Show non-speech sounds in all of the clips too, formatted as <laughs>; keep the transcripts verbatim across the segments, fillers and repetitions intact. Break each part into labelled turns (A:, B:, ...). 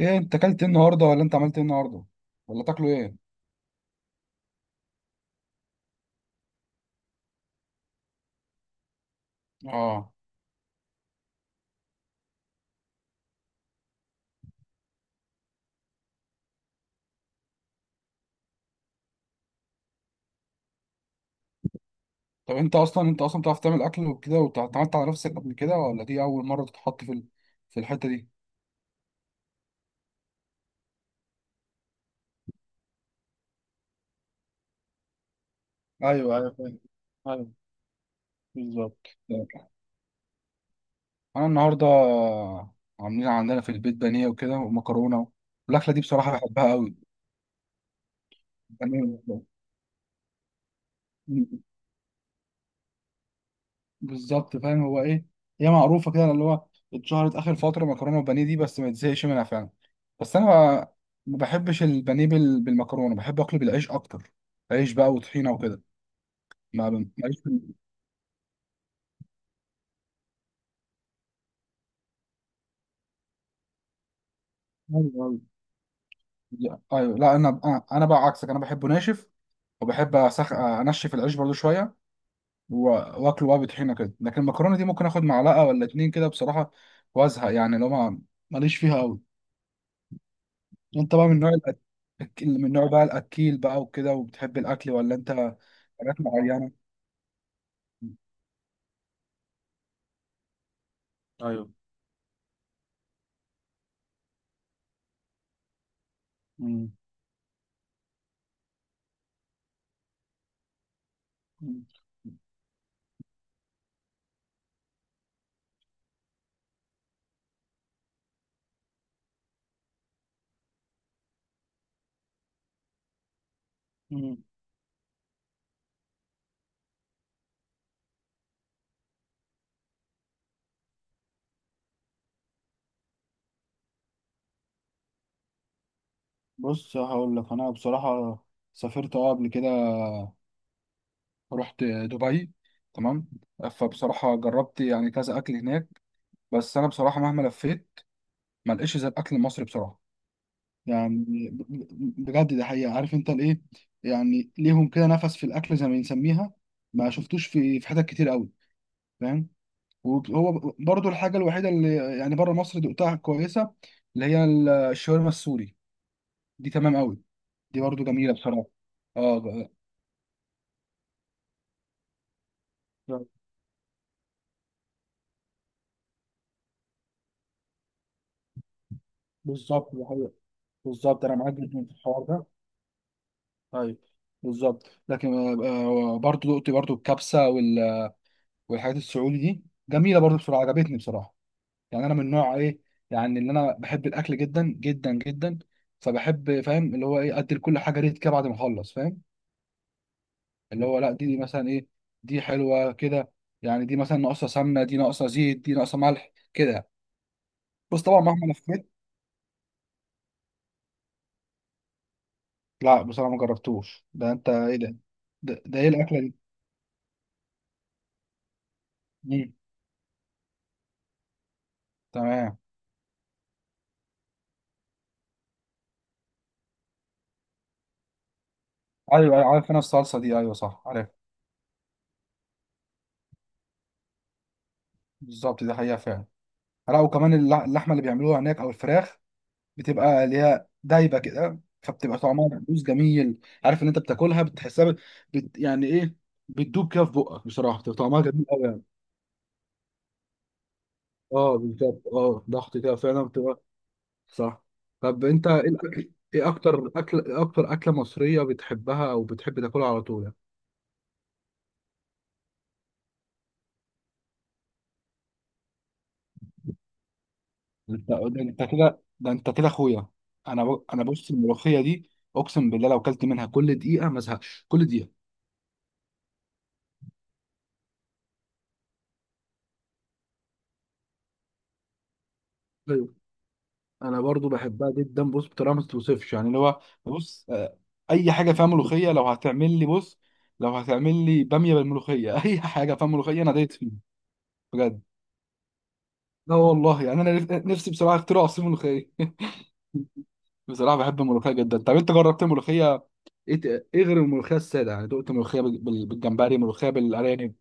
A: ايه انت اكلت ايه النهارده ولا انت عملت ايه النهارده ولا تاكلوا ايه؟ اه. طب انت اصلا انت اصلا بتعرف تعمل اكل وكده واتعملت على نفسك قبل كده، ولا دي اول مره تتحط في ال- في الحته دي؟ ايوه، ايوه، فاهم. ايوه. بالظبط. انا النهارده عاملين عندنا في البيت بانيه وكده ومكرونه، والاكله دي بصراحه بحبها قوي. بانيه. بالظبط، فاهم هو ايه. هي معروفه كده، اللي هو اتشهرت اخر فتره مكرونه وبانيه دي، بس ما تزهقش منها فعلا. بس انا ما ما بحبش البانيه بال- بالمكرونه، بحب اكله بالعيش اكتر. عيش بقى وطحينه وكده. ما ب- ماليش في ال- ايوه، أيوة. ايوه. لا، انا انا أنا بقى عكسك، انا بحبه ناشف. وبحب أسخ... انشف العيش برضو شويه. و- واكله بقى بطحينه كده، لكن المكرونه دي ممكن اخد معلقه ولا اتنين كده بصراحه، وازهق، يعني لو ما ماليش فيها قوي. انت بقى من نوع الأك... اللي من نوع بقى الاكيل بقى وكده، وبتحب الاكل، ولا انت حاجات معينه؟ ايوه. مم. مم. مم. بص هقول لك، انا بصراحه سافرت اه قبل كده، رحت دبي، تمام. فبصراحه جربت يعني كذا اكل هناك، بس انا بصراحه مهما لفيت ما لقيتش زي الاكل المصري بصراحه. يعني ب- ب- بجد ده حقيقه، عارف انت الايه، يعني ليهم كده نفس في الاكل زي ما بنسميها، ما شفتوش في في حتت كتير قوي، فاهم. وهو برضو الحاجة الوحيدة اللي يعني بره مصر دقتها كويسة، اللي هي ال- الشاورما السوري. دي تمام قوي. دي برضو جميلة بصراحة. اه ب- بالظبط، دي حقيقة. بالظبط، انا معاك جدا في الحوار ده. طيب. بالظبط، لكن آه، آه، برضو دقت برضو الكبسة وال- والحاجات السعودي دي، جميلة برضو بصراحة، عجبتني بصراحة. يعني انا من نوع ايه، يعني اللي انا بحب الاكل جدا جدا جدا، فبحب، فاهم اللي هو ايه، ادي لكل حاجة ريت كده بعد ما اخلص، فاهم. اللي هو لا دي, دي مثلا ايه، دي حلوه كده، يعني دي مثلا ناقصه سمنه، دي ناقصه زيت، دي ناقصه ملح كده، بس طبعا مهما لفيت. لا بصراحه ما جربتوش ده، انت ايه ده ده, ده, ايه الاكله دي؟ مم. تمام. ايوه، أيوة، عارف انا الصلصه دي، ايوه صح، عارف. بالظبط، دي حقيقه فعلا. لا، وكمان اللح- اللحمه اللي بيعملوها هناك او الفراخ، بتبقى اللي هي دايبه كده، فبتبقى طعمها مقبوس جميل. عارف ان انت بتاكلها بتحسها بت... بت... يعني ايه، بتدوب كده في بقك بصراحه، بتبقى طعمها جميل قوي. اه بالظبط، اه ضغط كده فعلا بتبقى. صح. طب انت ايه الأك- إيه اكتر اكل إيه اكتر اكله مصريه بتحبها او بتحب تاكلها على طول يعني؟ انت ده، انت كده، ده انت كده اخويا. انا ب... انا بص، الملوخيه دي اقسم بالله لو اكلت منها كل دقيقه ما ازهقش كل دقيقه. ايوه. انا برضو بحبها جدا، بص بطريقه ما تتوصفش، يعني اللي هو بص. آه، اي حاجه فيها ملوخيه، لو هتعمل لي بص، لو هتعمل لي باميه بالملوخيه <laughs> اي حاجه فيها ملوخيه انا دايت فيها. بجد. لا والله، يعني انا نف- نفسي بصراحه اخترع عصير ملوخيه. <laughs> بصراحه بحب الملوخيه جدا. طب انت جربت ملوخيه ايه ت- ايه غير الملوخيه الساده؟ يعني دقت ملوخيه بال- بال- بالجمبري، ملوخيه بالارانب.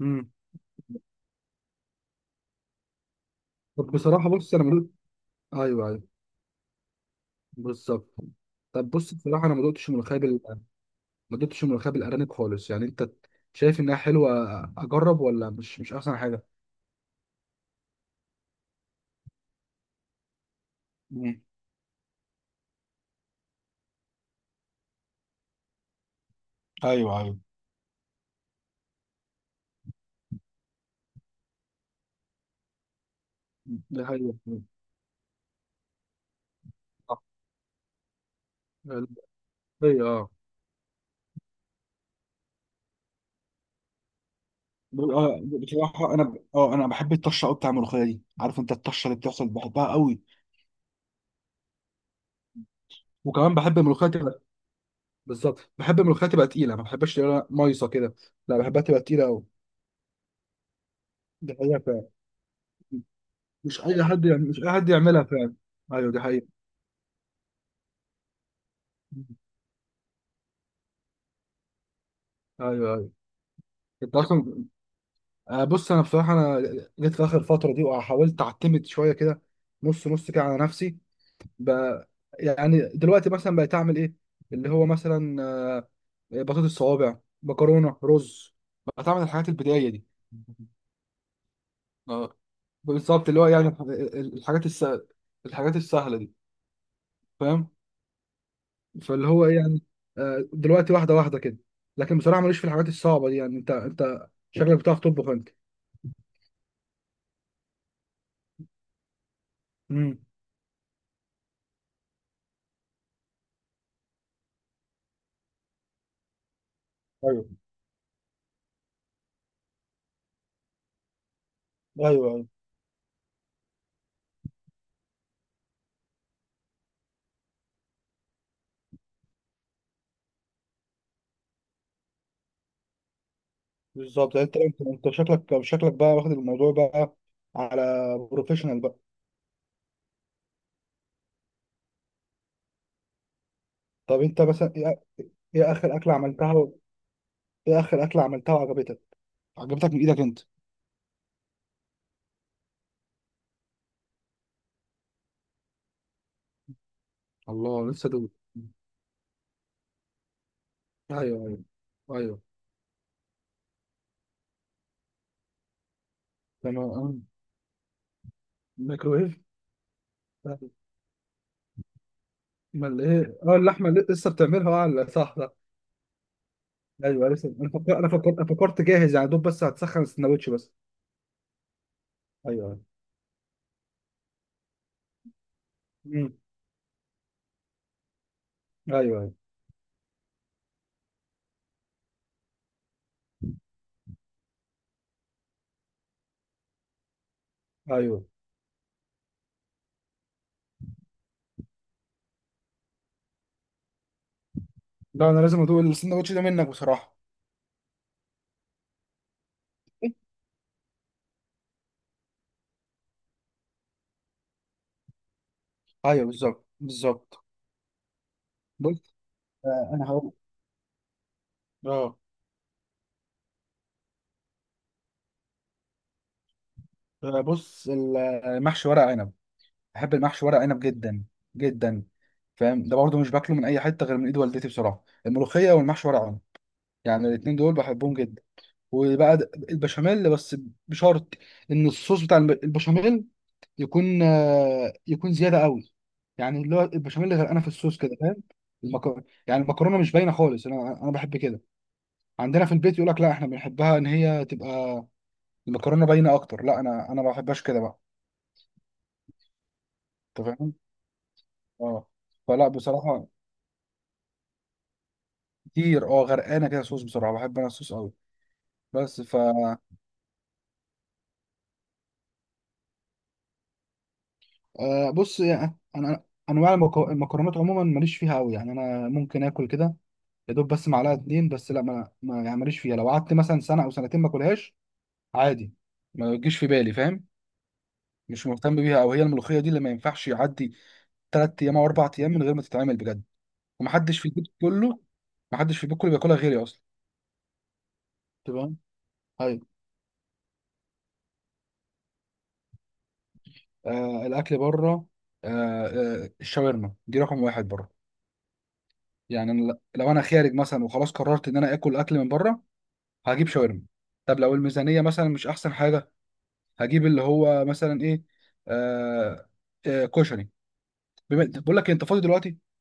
A: امم طب بصراحه، بص انا ملوك <laughs> ايوه، ايوه، بالظبط. طب بص بصراحه، انا ما دقتش ملوخيه بال... ما دقتش ملوخيه بالارانب خالص، يعني انت شايف انها حلوه؟ اجرب ولا مش مش احسن حاجه؟ امم. ايوه، ايوه، ده حقيقي. صح. الملوخية. اه. ب- آه، بصراحة أنا ب... أه أنا بحب الطشة أوي بتاع الملوخية دي، عارف أنت الطشة اللي بتحصل بحبها أوي، وكمان بحب الملوخية تبقى، بالظبط، بحب الملوخية تبقى تقيلة، ما بحبهاش تبقى مايصة كده، لا بحبها تبقى تقيلة أوي، دي حقيقة فعلا، مش أي حد، يعني مش أي حد يعملها فعلا. أيوه، دي حقيقة. أيوه، أيوه. أنت أصلا آه، بص، أنا بصراحة، أنا جيت في آخر فترة دي وحاولت أعتمد شوية كده، نص نص كده على نفسي بقى. يعني دلوقتي مثلا بقيت اعمل ايه، اللي هو مثلا آه، بطاطس صوابع، مكرونه، رز، بقيت اعمل الحاجات البدائيه دي. اه بالظبط، اللي هو يعني الح- الحاجات الس... الحاجات السهله دي، فاهم. فاللي هو إيه يعني، آه، دلوقتي واحده واحده كده، لكن بصراحه ماليش في الحاجات الصعبه دي، يعني انت انت شكلك بتعرف تطبخ انت. امم. ايوه، ايوه، ايوه، بالظبط. يعني انت انت انت شكلك شكلك بقى واخد الموضوع بقى على بروفيشنال بقى. طب انت مثلا، ايه اخر اكله عملتها و... ايه اخر اكله عملتها وعجبتك، عجبتك من ايدك انت؟ الله لسه دوب. ايوه، ايوه، ايوه، لما آه، ميكروويف. امال ايه، اه اللحمه اللي لسه بتعملها، اه، لا، صح صح. ايوه لسه، انا فكرت انا فكرت فكرت جاهز يعني دوب، بس هتسخن السندوتش بس. ايوه. امم. ايوه، ايوه، ايوه. لا، انا لازم ادوق السندوتش ده منك بصراحه. ايوه، بالظبط، بالظبط. بص، آه انا هقول. اه آه، بص، المحشي ورق عنب، بحب المحشي ورق عنب جدا جدا. فاهم، ده برضه مش باكله من اي حته غير من ايد والدتي بصراحه، الملوخيه والمحشي ورق عنب، يعني الاتنين دول بحبهم جدا. وبقى د- البشاميل بس، بشرط ان الصوص بتاع الب- البشاميل يكون آه، يكون زياده قوي، يعني اللي هو البشاميل غرقانه في الصوص كده، فاهم. المكرونه، يعني المكرونه مش باينه خالص، انا انا بحب كده. عندنا في البيت يقول لك لا احنا بنحبها ان هي تبقى المكرونه باينه اكتر، لا انا انا ما بحبهاش كده بقى. انت فاهم. اه. فلا بصراحه كتير، اه غرقانه كده صوص بسرعه، بحب انا الصوص قوي. بس ف آه، بص، يعني انا انواع المكو- المكرونات عموما ماليش فيها قوي، يعني انا ممكن اكل كده يا دوب بس معلقه اتنين بس. لا ما ما- يعني ماليش فيها، لو قعدت مثلا سنه او سنتين ما اكلهاش عادي، ما تجيش في بالي، فاهم. مش مهتم بيها، او هي الملوخيه دي اللي ما ينفعش يعدي تلات ايام او اربع ايام من غير ما تتعمل بجد. ومحدش في البيت كله، محدش في البيت كله بياكلها غيري اصلا. تمام. طيب. آه الاكل بره. آه آه الشاورما دي رقم واحد بره. يعني أنا ل- لو انا خارج مثلا وخلاص قررت ان انا اكل اكل من بره، هجيب شاورما. طب لو الميزانيه مثلا مش احسن حاجه، هجيب اللي هو مثلا ايه، آه آه كشري. بما- بقول لك إيه، انت فاضي دلوقتي؟